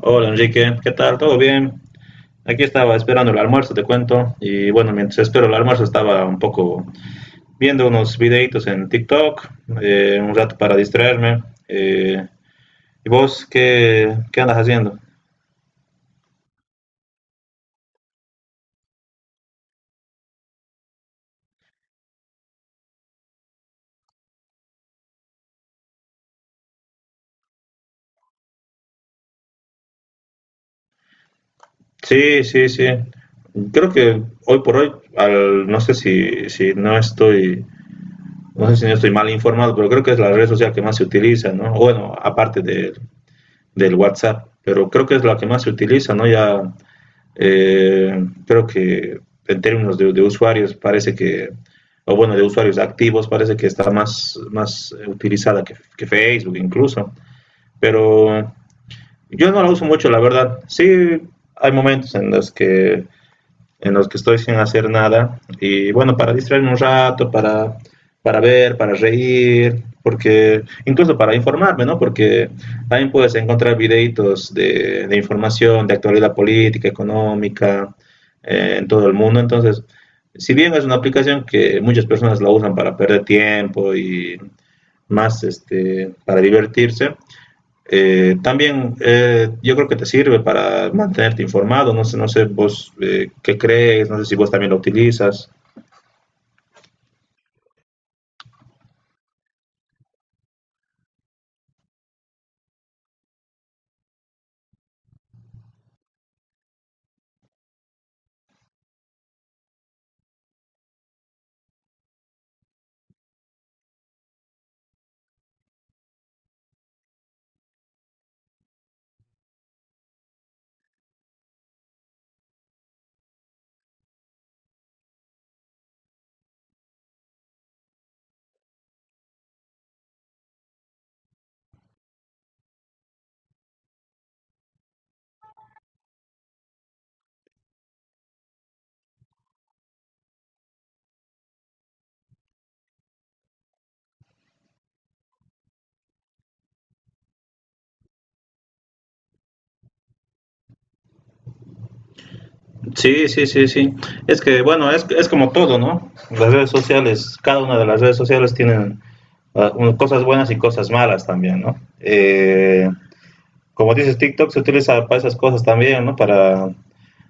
Hola Enrique, ¿qué tal? ¿Todo bien? Aquí estaba esperando el almuerzo, te cuento. Y bueno, mientras espero el almuerzo estaba un poco viendo unos videitos en TikTok, un rato para distraerme. ¿Y vos qué andas haciendo? Sí, sí, sí. Creo que hoy por hoy, no sé si no estoy, no sé si no estoy mal informado, pero creo que es la red social que más se utiliza, ¿no? Bueno, aparte del WhatsApp, pero creo que es la que más se utiliza, ¿no? Ya creo que en términos de usuarios parece que, o bueno, de usuarios activos parece que está más utilizada que Facebook incluso, pero yo no la uso mucho, la verdad. Sí, hay momentos en los que estoy sin hacer nada. Y bueno, para distraerme un rato, para ver, para reír, porque incluso para informarme, ¿no? Porque también puedes encontrar videitos de información, de actualidad política, económica, en todo el mundo. Entonces, si bien es una aplicación que muchas personas la usan para perder tiempo y más este, para divertirse, también yo creo que te sirve para mantenerte informado, no sé, no sé vos qué crees, no sé si vos también lo utilizas. Sí, sí, sí, sí. Es que bueno, es como todo, ¿no? Las redes sociales, cada una de las redes sociales tienen cosas buenas y cosas malas también, ¿no? Como dices, TikTok se utiliza para esas cosas también, ¿no? Para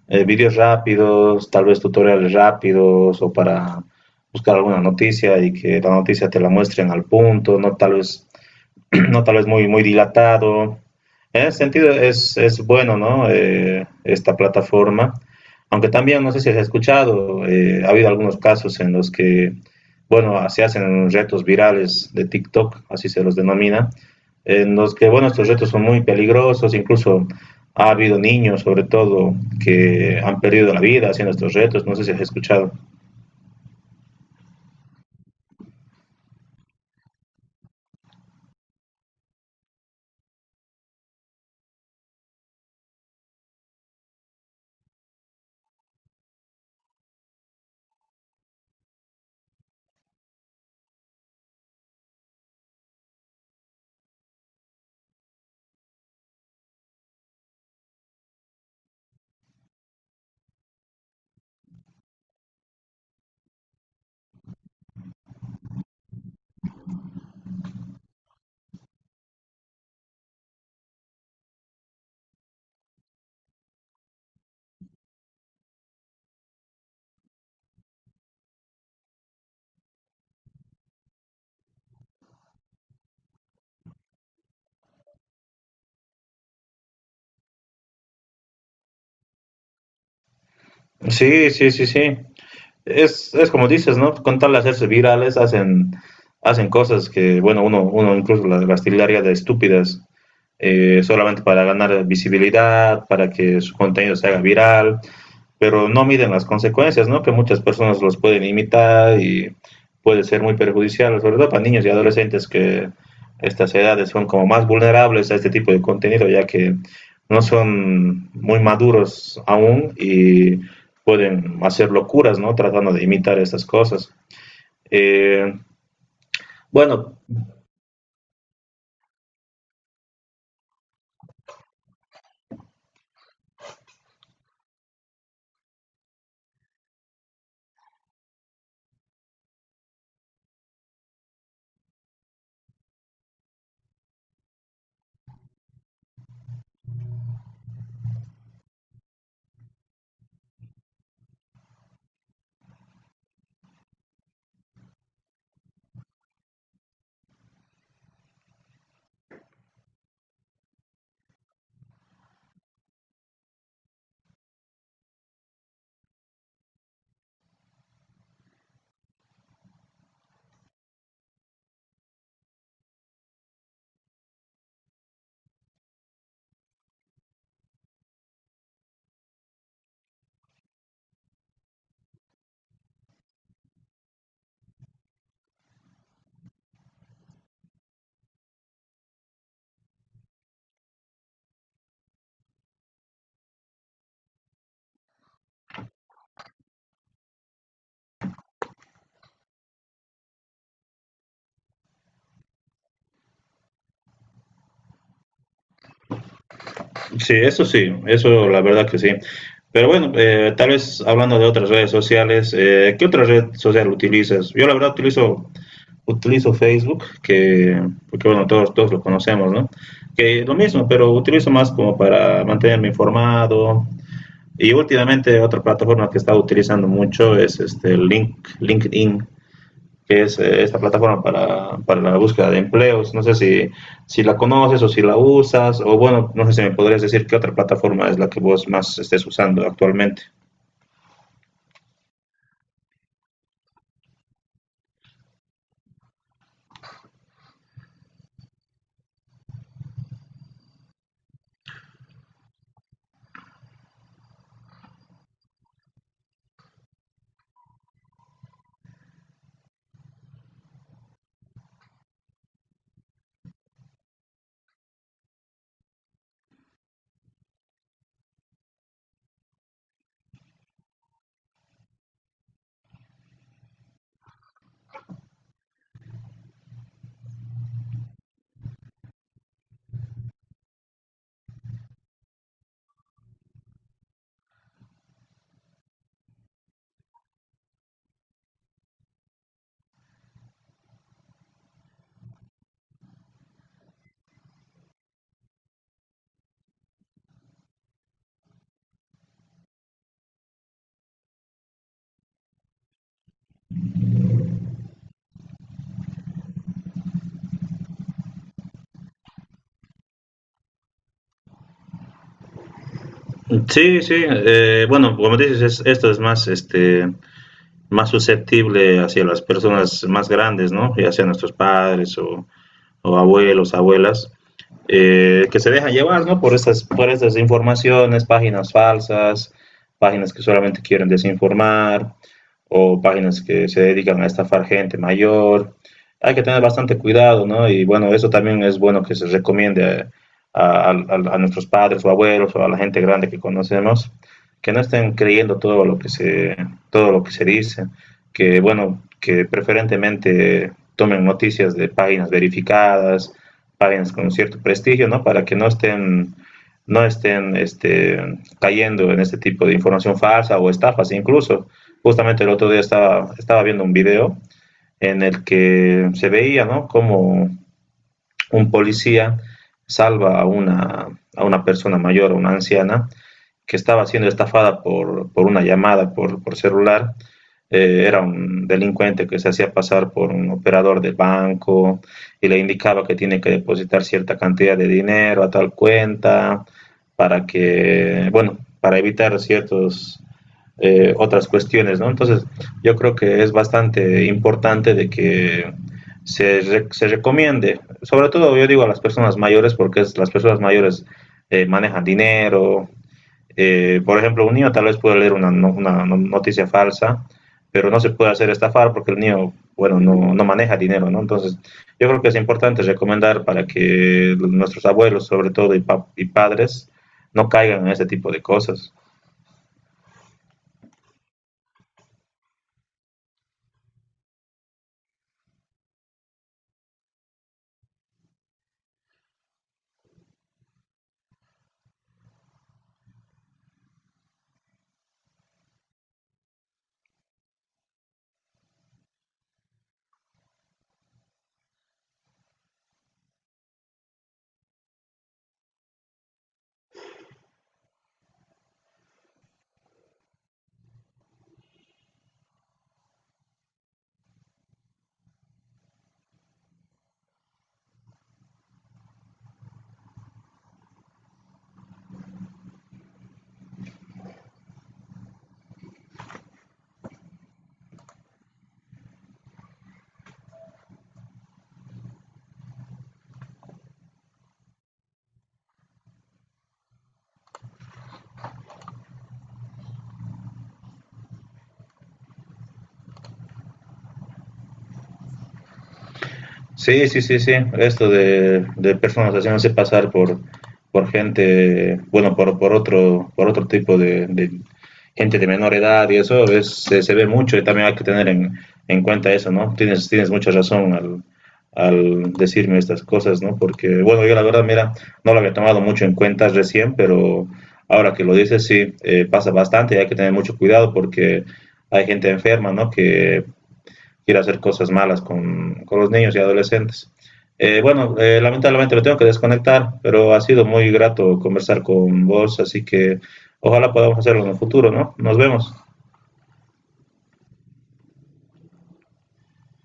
videos rápidos, tal vez tutoriales rápidos o para buscar alguna noticia y que la noticia te la muestren al punto, ¿no? Tal vez no tal vez muy, muy dilatado. En ese sentido es bueno, ¿no? Esta plataforma. Aunque también, no sé si has escuchado, ha habido algunos casos en los que, bueno, se hacen retos virales de TikTok, así se los denomina, en los que, bueno, estos retos son muy peligrosos, incluso ha habido niños, sobre todo, que han perdido la vida haciendo estos retos, no sé si has escuchado. Sí, sí, sí, sí. Es es como dices, ¿no? Con tal de hacerse virales, hacen cosas que, bueno, uno incluso las tildaría de estúpidas, solamente para ganar visibilidad, para que su contenido se haga viral, pero no miden las consecuencias, ¿no? Que muchas personas los pueden imitar y puede ser muy perjudicial, sobre todo para niños y adolescentes que estas edades son como más vulnerables a este tipo de contenido, ya que no son muy maduros aún y pueden hacer locuras, ¿no? Tratando de imitar estas cosas. Eh, bueno, sí, eso la verdad que sí. Pero bueno, tal vez hablando de otras redes sociales, ¿qué otra red social utilizas? Yo la verdad utilizo Facebook, porque bueno, todos lo conocemos, ¿no? Que lo mismo, pero utilizo más como para mantenerme informado. Y últimamente otra plataforma que he estado utilizando mucho es este LinkedIn, que es esta plataforma para la búsqueda de empleos. No sé si la conoces o si la usas, o bueno, no sé si me podrías decir qué otra plataforma es la que vos más estés usando actualmente. Sí, sí, bueno, como dices, esto es más este, más susceptible hacia las personas más grandes, ¿no? Ya sean nuestros padres o o, abuelos, abuelas, que se dejan llevar, ¿no? Por por estas informaciones, páginas falsas, páginas que solamente quieren desinformar, o páginas que se dedican a estafar gente mayor. Hay que tener bastante cuidado, ¿no? Y bueno, eso también es bueno que se recomiende a nuestros padres o abuelos o a la gente grande que conocemos, que no estén creyendo todo lo que todo lo que se dice, que bueno, que preferentemente tomen noticias de páginas verificadas, páginas con cierto prestigio, ¿no? Para que no estén, no estén este, cayendo en este tipo de información falsa o estafas incluso. Justamente el otro día estaba viendo un video en el que se veía, ¿no? Como un policía salva a a una persona mayor, a una anciana, que estaba siendo estafada por una llamada por celular. Era un delincuente que se hacía pasar por un operador de banco y le indicaba que tiene que depositar cierta cantidad de dinero a tal cuenta para que, bueno, para evitar ciertos otras cuestiones, ¿no? Entonces, yo creo que es bastante importante de que se recomiende, sobre todo yo digo a las personas mayores, porque las personas mayores manejan dinero, por ejemplo, un niño tal vez puede leer una noticia falsa, pero no se puede hacer estafar porque el niño, bueno, no maneja dinero, ¿no? Entonces, yo creo que es importante recomendar para que nuestros abuelos, sobre todo, y padres, no caigan en ese tipo de cosas. Sí, sí, sí, sí. Esto de personas haciéndose pasar por gente, bueno, por por otro tipo de gente de menor edad y eso se ve mucho y también hay que tener en cuenta eso, ¿no? Tienes mucha razón al decirme estas cosas, ¿no? Porque, bueno, yo la verdad, mira, no lo había tomado mucho en cuenta recién, pero ahora que lo dices, sí, pasa bastante y hay que tener mucho cuidado porque hay gente enferma, ¿no? Que quiere hacer cosas malas con los niños y adolescentes. Bueno, lamentablemente me tengo que desconectar, pero ha sido muy grato conversar con vos, así que ojalá podamos hacerlo en el futuro, ¿no? Nos vemos.